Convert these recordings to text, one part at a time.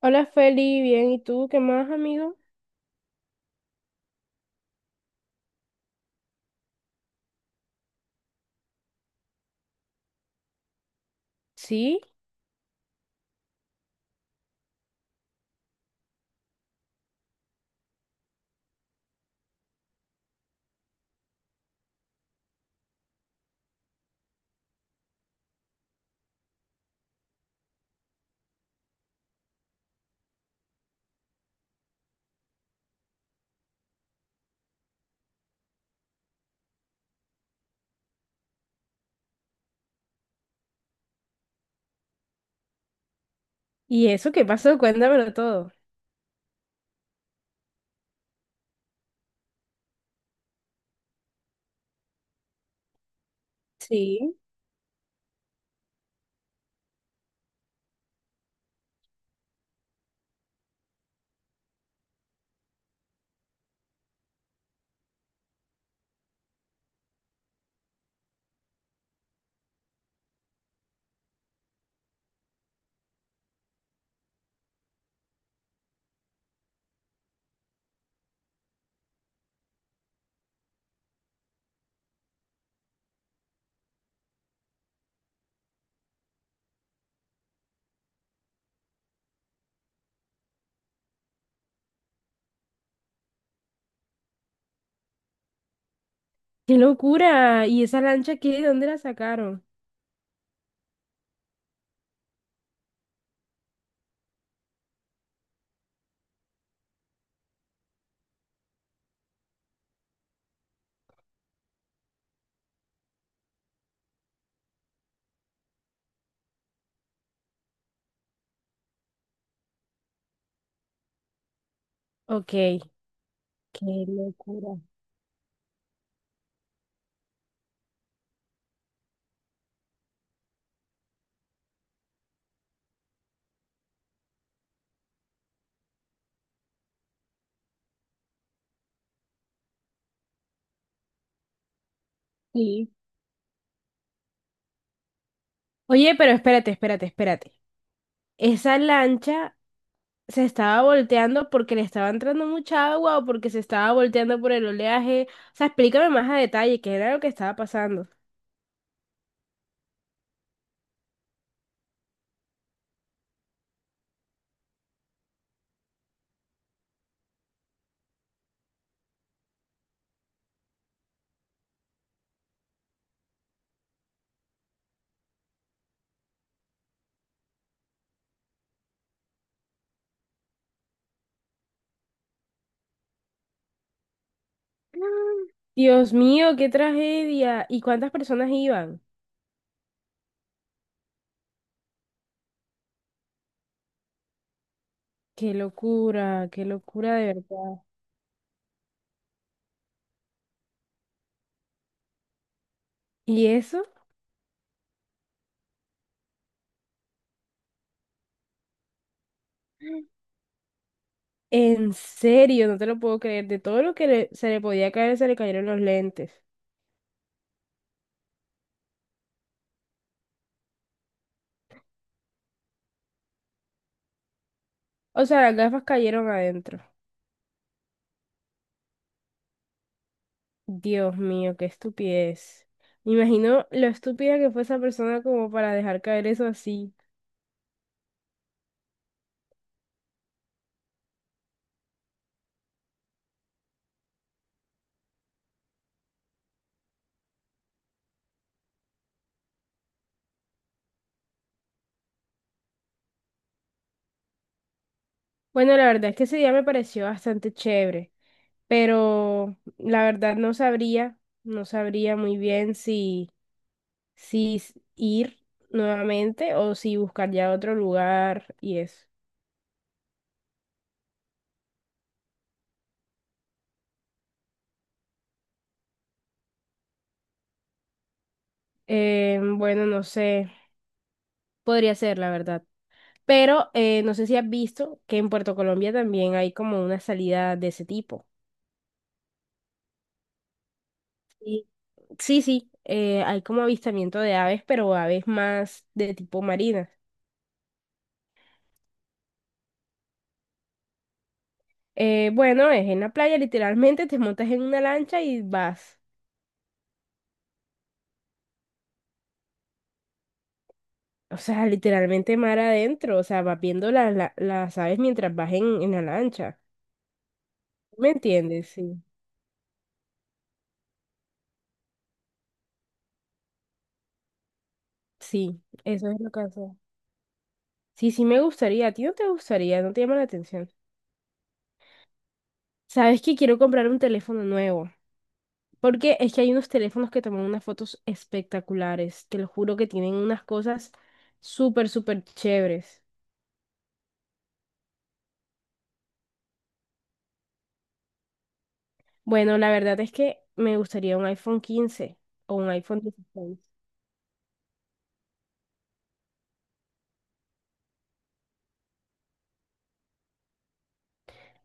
Hola Feli, bien, ¿y tú qué más, amigo? Sí, ¿y eso qué pasó? Cuéntamelo todo. Sí. ¡Qué locura! ¿Y esa lancha qué? ¿De dónde la sacaron? Ok, qué locura. Sí. Oye, pero espérate, espérate, espérate. ¿Esa lancha se estaba volteando porque le estaba entrando mucha agua o porque se estaba volteando por el oleaje? O sea, explícame más a detalle qué era lo que estaba pasando. Dios mío, qué tragedia. ¿Y cuántas personas iban? Qué locura de verdad. ¿Y eso? En serio, no te lo puedo creer. De todo lo que se le podía caer, se le cayeron los lentes. O sea, las gafas cayeron adentro. Dios mío, qué estupidez. Me imagino lo estúpida que fue esa persona como para dejar caer eso así. Bueno, la verdad es que ese día me pareció bastante chévere, pero la verdad no sabría, no sabría muy bien si ir nuevamente o si buscar ya otro lugar y eso. Bueno, no sé, podría ser, la verdad. Pero no sé si has visto que en Puerto Colombia también hay como una salida de ese tipo. Sí. Sí, sí, hay como avistamiento de aves, pero aves más de tipo marinas. Bueno, es en la playa, literalmente te montas en una lancha y vas. O sea, literalmente mar adentro, o sea, vas viendo las aves mientras vas en la lancha. ¿Me entiendes? Sí. Sí, eso es lo que hace. Sí, sí me gustaría. ¿A ti no te gustaría? ¿No te llama la atención? ¿Sabes que quiero comprar un teléfono nuevo? Porque es que hay unos teléfonos que toman unas fotos espectaculares. Te lo juro que tienen unas cosas súper, súper chéveres. Bueno, la verdad es que me gustaría un iPhone 15 o un iPhone 16.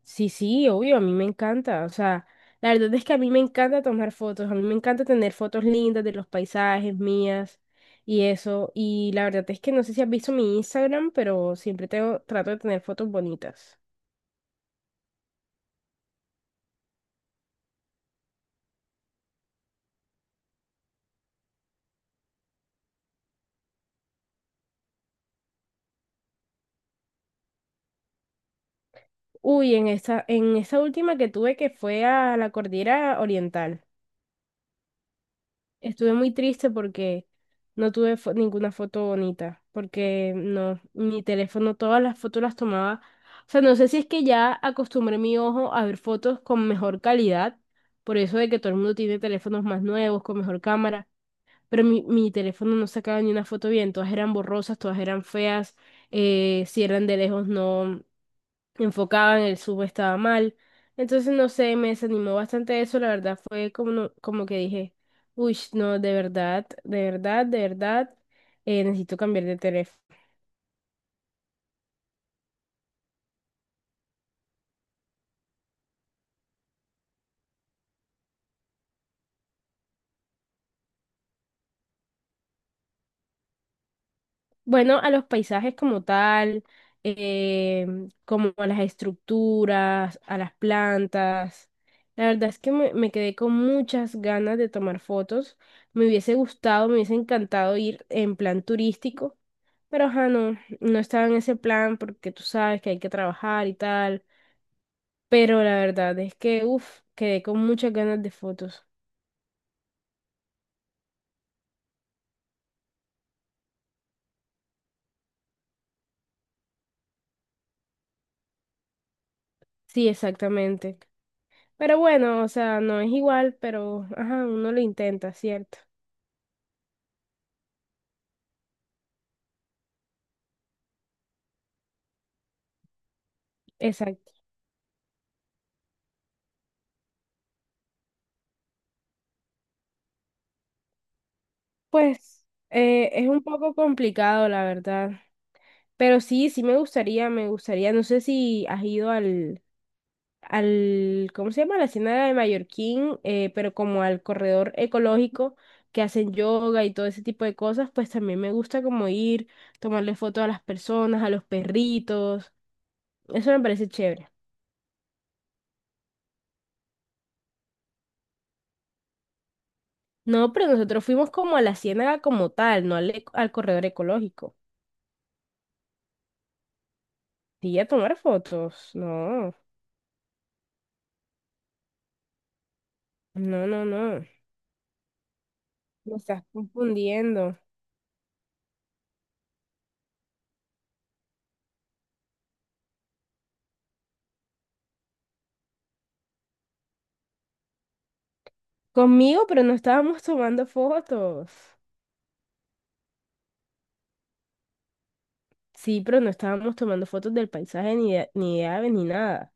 Sí, sí, obvio, a mí me encanta. O sea, la verdad es que a mí me encanta tomar fotos, a mí me encanta tener fotos lindas de los paisajes mías y eso. Y la verdad es que no sé si has visto mi Instagram, pero siempre tengo, trato de tener fotos bonitas. Uy, en esta última que tuve que fue a la cordillera oriental. Estuve muy triste porque no tuve ninguna foto bonita, porque no, mi teléfono, todas las fotos las tomaba. O sea, no sé si es que ya acostumbré mi ojo a ver fotos con mejor calidad, por eso de que todo el mundo tiene teléfonos más nuevos, con mejor cámara, pero mi teléfono no sacaba ni una foto bien, todas eran borrosas, todas eran feas, si eran de lejos no, enfocaban, el sub estaba mal. Entonces, no sé, me desanimó bastante eso, la verdad fue como, como que dije, uy, no, de verdad, de verdad, de verdad, necesito cambiar de teléfono. Bueno, a los paisajes como tal, eh, como a las estructuras, a las plantas. La verdad es que me quedé con muchas ganas de tomar fotos. Me hubiese gustado, me hubiese encantado ir en plan turístico. Pero ajá, no, no estaba en ese plan porque tú sabes que hay que trabajar y tal. Pero la verdad es que, uff, quedé con muchas ganas de fotos. Sí, exactamente. Pero bueno, o sea, no es igual, pero ajá, uno lo intenta, ¿cierto? Exacto. Pues es un poco complicado, la verdad. Pero sí, sí me gustaría, me gustaría. No sé si has ido al, ¿cómo se llama? A la Hacienda de Mallorquín, pero como al corredor ecológico que hacen yoga y todo ese tipo de cosas, pues también me gusta como ir, tomarle fotos a las personas, a los perritos, eso me parece chévere. No, pero nosotros fuimos como a la ciénaga como tal, no al, eco- al corredor ecológico. Sí, a tomar fotos. No, no, no, no. Me estás confundiendo. Conmigo, pero no estábamos tomando fotos. Sí, pero no estábamos tomando fotos del paisaje ni de, ni de aves ni nada.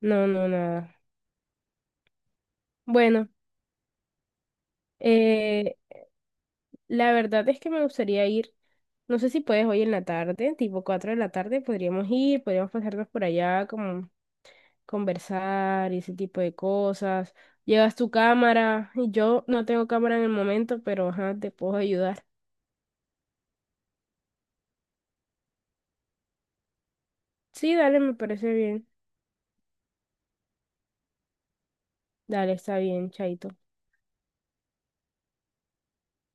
No, no, nada. Bueno, eh, la verdad es que me gustaría ir. No sé si puedes hoy en la tarde, tipo 4 de la tarde, podríamos ir, podríamos pasarnos por allá, como conversar y ese tipo de cosas. Llevas tu cámara y yo no tengo cámara en el momento, pero ajá, te puedo ayudar. Sí, dale, me parece bien. Dale, está bien, chaito.